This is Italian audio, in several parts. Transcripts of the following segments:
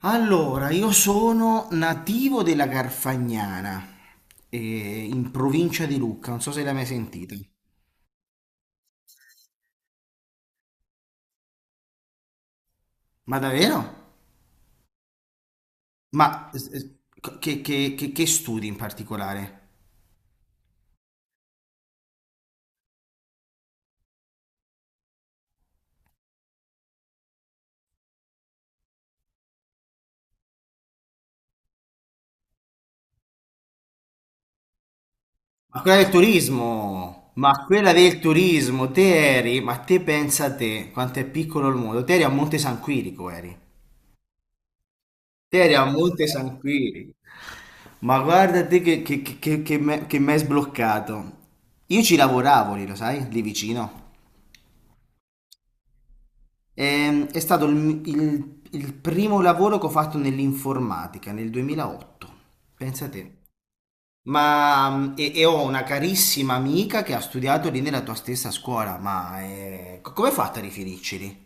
Allora, io sono nativo della Garfagnana, eh, in provincia di Lucca, non so se l'hai mai sentita. Ma davvero? Ma che studi in particolare? Ma quella del turismo, ma quella del turismo, te eri, ma te pensa a te, quanto è piccolo il mondo, te eri a Monte San Quirico, eri. Te eri a Monte San Quirico. Ma guarda te che m'hai sbloccato. Io ci lavoravo lì, lo sai, lì vicino. È stato il primo lavoro che ho fatto nell'informatica nel 2008, pensa te. Ma e ho una carissima amica che ha studiato lì nella tua stessa scuola, ma come hai fatto a riferirci lì?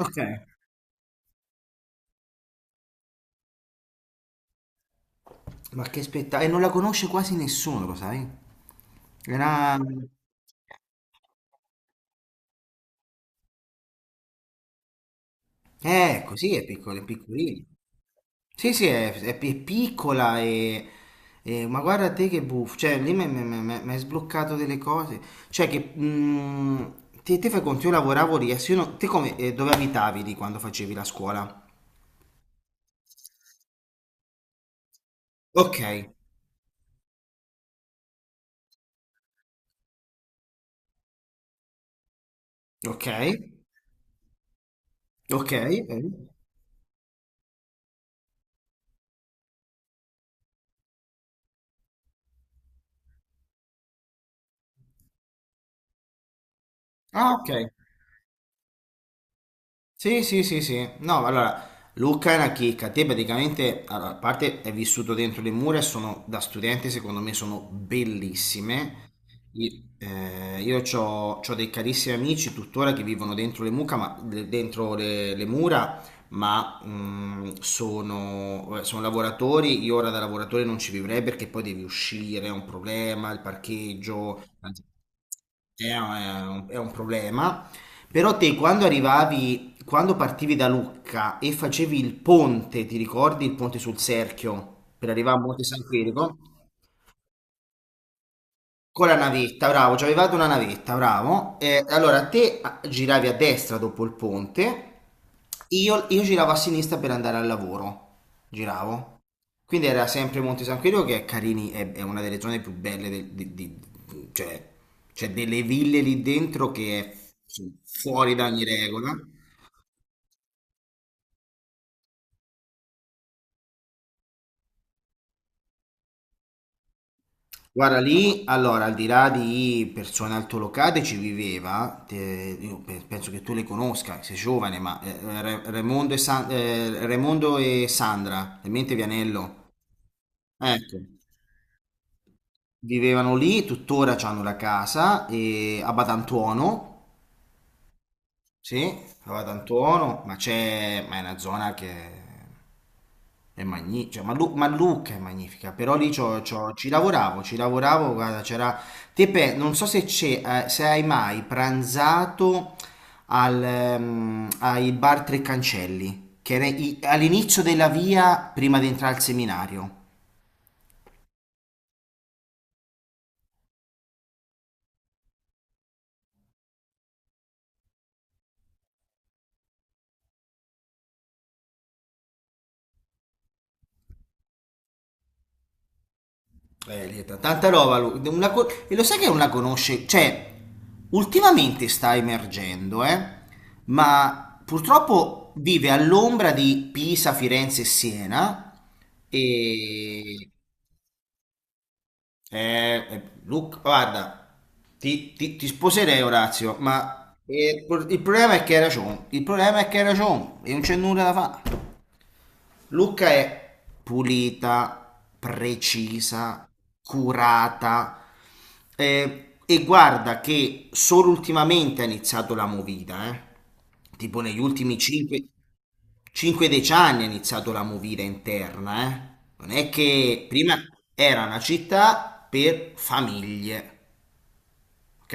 Ok. Ma che spettacolo, e non la conosce quasi nessuno, lo sai? Era... così è piccolo, è piccolino. Sì, sì, è, è piccola e- Ma guarda te che buffo, cioè lì mi hai sbloccato delle cose, cioè che... te, te fai conto, io lavoravo lì, adesso io non- te come, dove abitavi lì quando facevi la scuola? Ok, ok, ok. Eh. Ah, ok. Sì, sì, sì, sì. No, allora, Luca è una chicca. Te praticamente, allora, a parte è vissuto dentro le mura e sono, da studente, secondo me, sono bellissime. Io ho dei carissimi amici tuttora che vivono dentro le mucca, ma, dentro le mura, ma sono, sono lavoratori. Io ora da lavoratore non ci vivrei perché poi devi uscire, è un problema, il parcheggio, è un problema. Però te quando arrivavi, quando partivi da Lucca e facevi il ponte, ti ricordi il ponte sul Serchio per arrivare a Monte San Chirico? Con la navetta, bravo, ci avevate una navetta, bravo. Allora te ah, giravi a destra dopo il ponte, io giravo a sinistra per andare al lavoro, giravo. Quindi era sempre Monte San Chirico che è carini, è una delle zone più belle, del- di- cioè c'è delle ville lì dentro che è fuori da ogni regola. Guarda lì, allora, al di là di persone altolocate ci viveva, io penso che tu le conosca, sei giovane, ma Raimondo e, Raimondo e Sandra, in mente Vianello, ecco, vivevano lì, tuttora hanno la casa a Batantuono. Sì, va ad Antuono, ma c'è, ma è una zona che è magnifica, ma, ma Lucca è magnifica, però lì ci lavoravo, ci lavoravo, guarda, c'era, Tepe, non so se c'è, se hai mai pranzato al, ai bar Tre Cancelli, che era all'inizio della via prima di entrare al seminario. Lì è tanta roba. Lui. E lo sai che non la conosce? Cioè, ultimamente sta emergendo, eh? Ma purtroppo vive all'ombra di Pisa, Firenze e Siena. E... Luca, guarda, ti sposerei, Orazio, ma il problema è che hai ragione. Il problema è che hai ragione e non c'è nulla da fare. Luca è pulita, precisa, curata, e guarda che solo ultimamente ha iniziato la movida, eh. Tipo negli ultimi 5-10 anni ha iniziato la movida interna, eh. Non è che prima era una città per famiglie, ok?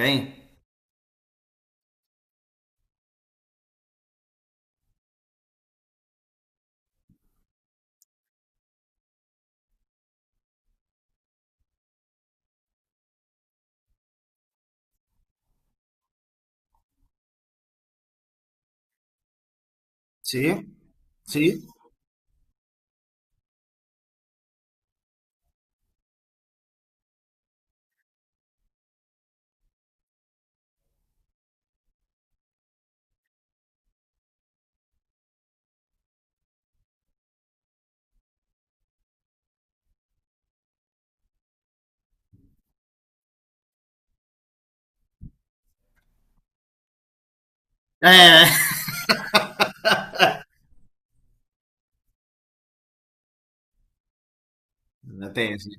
Sì, sì. Eh. Una tesi.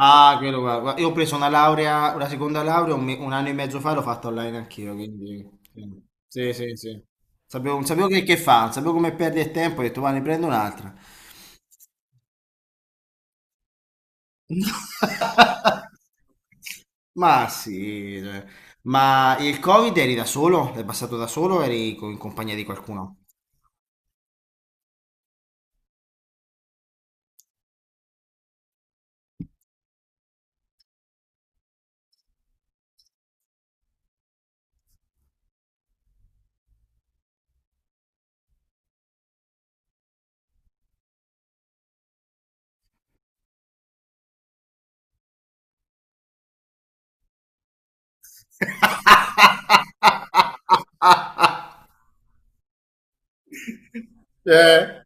Ah, quello qua. Guarda, io ho preso una laurea, una seconda laurea un anno e mezzo fa, l'ho fatta online anch'io, quindi... Sì, sì, sì. Sapevo, non sapevo che, non sapevo come perdere tempo, ho detto, va, ne prendo un'altra. Ma sì, cioè. Ma il Covid eri da solo? L'hai passato da solo o eri in compagnia di qualcuno? Eh.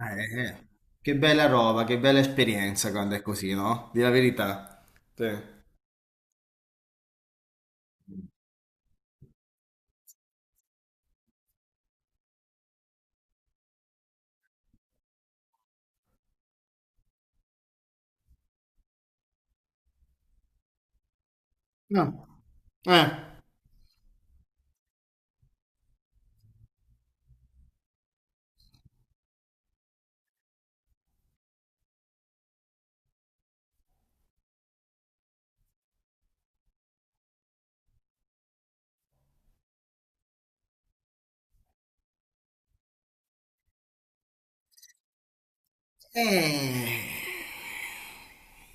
Eh. Che bella roba, che bella esperienza quando è così, no? Di la verità. Sì. No. Eh. Eh,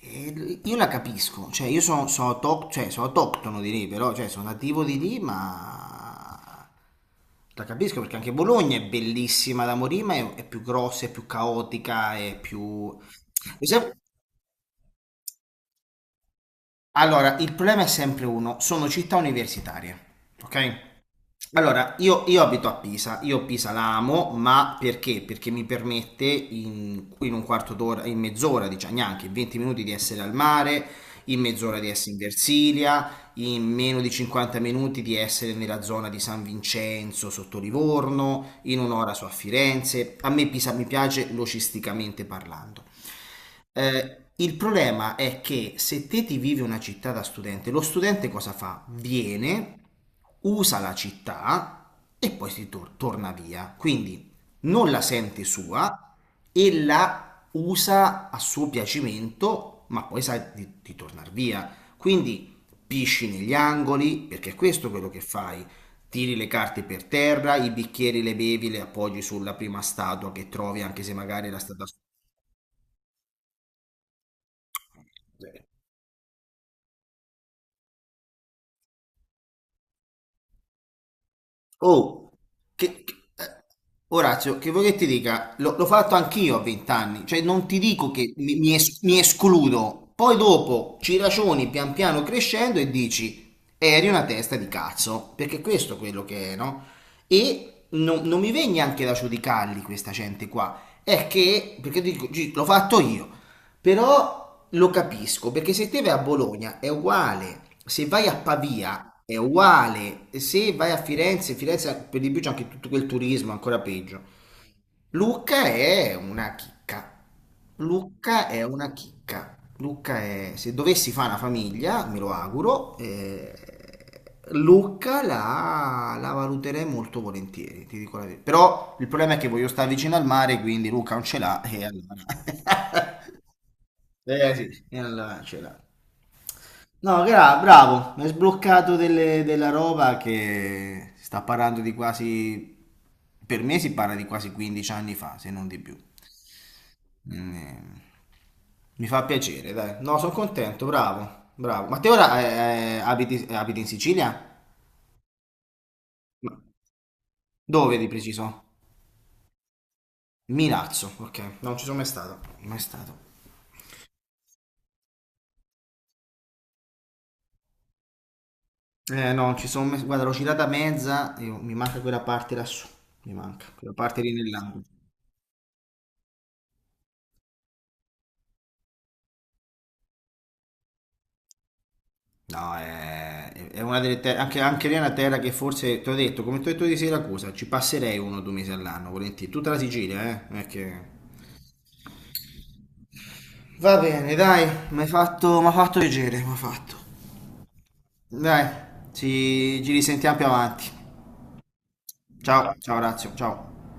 io la capisco, cioè io sono, sono, sono autoctono di lì, però cioè, sono nativo di lì, ma la capisco perché anche Bologna è bellissima da morire, ma è più grossa, è più caotica, è più... Lo sai- Allora, il problema è sempre uno, sono città universitarie, ok? Allora, io abito a Pisa, io Pisa la amo, ma perché? Perché mi permette in, in un quarto d'ora, in mezz'ora, diciamo neanche, in 20 minuti di essere al mare, in mezz'ora di essere in Versilia, in meno di 50 minuti di essere nella zona di San Vincenzo, sotto Livorno, in un'ora su a Firenze. A me Pisa mi piace logisticamente parlando. Il problema è che se te ti vivi una città da studente, lo studente cosa fa? Viene, usa la città e poi torna via. Quindi non la sente sua e la usa a suo piacimento, ma poi sa di tornare via. Quindi pisci negli angoli, perché è questo quello che fai. Tiri le carte per terra, i bicchieri le bevi, le appoggi sulla prima statua che trovi, anche se magari era stata. Oh, che, che- eh, Orazio, che vuoi che ti dica? L'ho fatto anch'io a vent'anni, cioè non ti dico che mi, mi escludo, poi dopo ci ragioni pian piano crescendo e dici, eri una testa di cazzo, perché questo è quello che è, no? E non, non mi viene neanche da giudicarli questa gente qua. È che, perché dico, "L'ho fatto io, però lo capisco, perché se te vai a Bologna è uguale, se vai a Pavia è uguale, se vai a Firenze, Firenze per di più c'è anche tutto quel turismo, ancora peggio. Lucca è una chicca. Lucca è una chicca. Lucca è, se dovessi fare una famiglia, me lo auguro, Lucca la valuterei molto volentieri, ti dico la verità. Però il problema è che voglio stare vicino al mare, quindi Lucca non ce l'ha e allora... eh sì, e allora ce l'ha. No, bravo, mi hai sbloccato della roba che si sta parlando di quasi, per me si parla di quasi 15 anni fa, se non di più. Eh, Mi fa piacere, dai. No, sono contento, bravo, bravo. Ma te ora abiti, abiti in Sicilia? Ma dove di preciso? Milazzo, ok. No, non ci sono mai stato. Mai stato. Eh no, ci sono mai... Guarda, l'ho girata mezza, mi manca quella parte lassù. Mi manca, quella parte lì nell'angolo. No, è una delle terre, anche, anche lì è una terra che forse, ti ho detto, come ti ho detto di Siracusa, ci passerei uno o due mesi all'anno, volentieri. Tutta la Sicilia, eh? Non è che... Va bene, dai, mi hai fatto, m'ha fatto piacere, mi ha fatto. Dai, ci, ci risentiamo più avanti. Ciao, ciao Razio, ciao.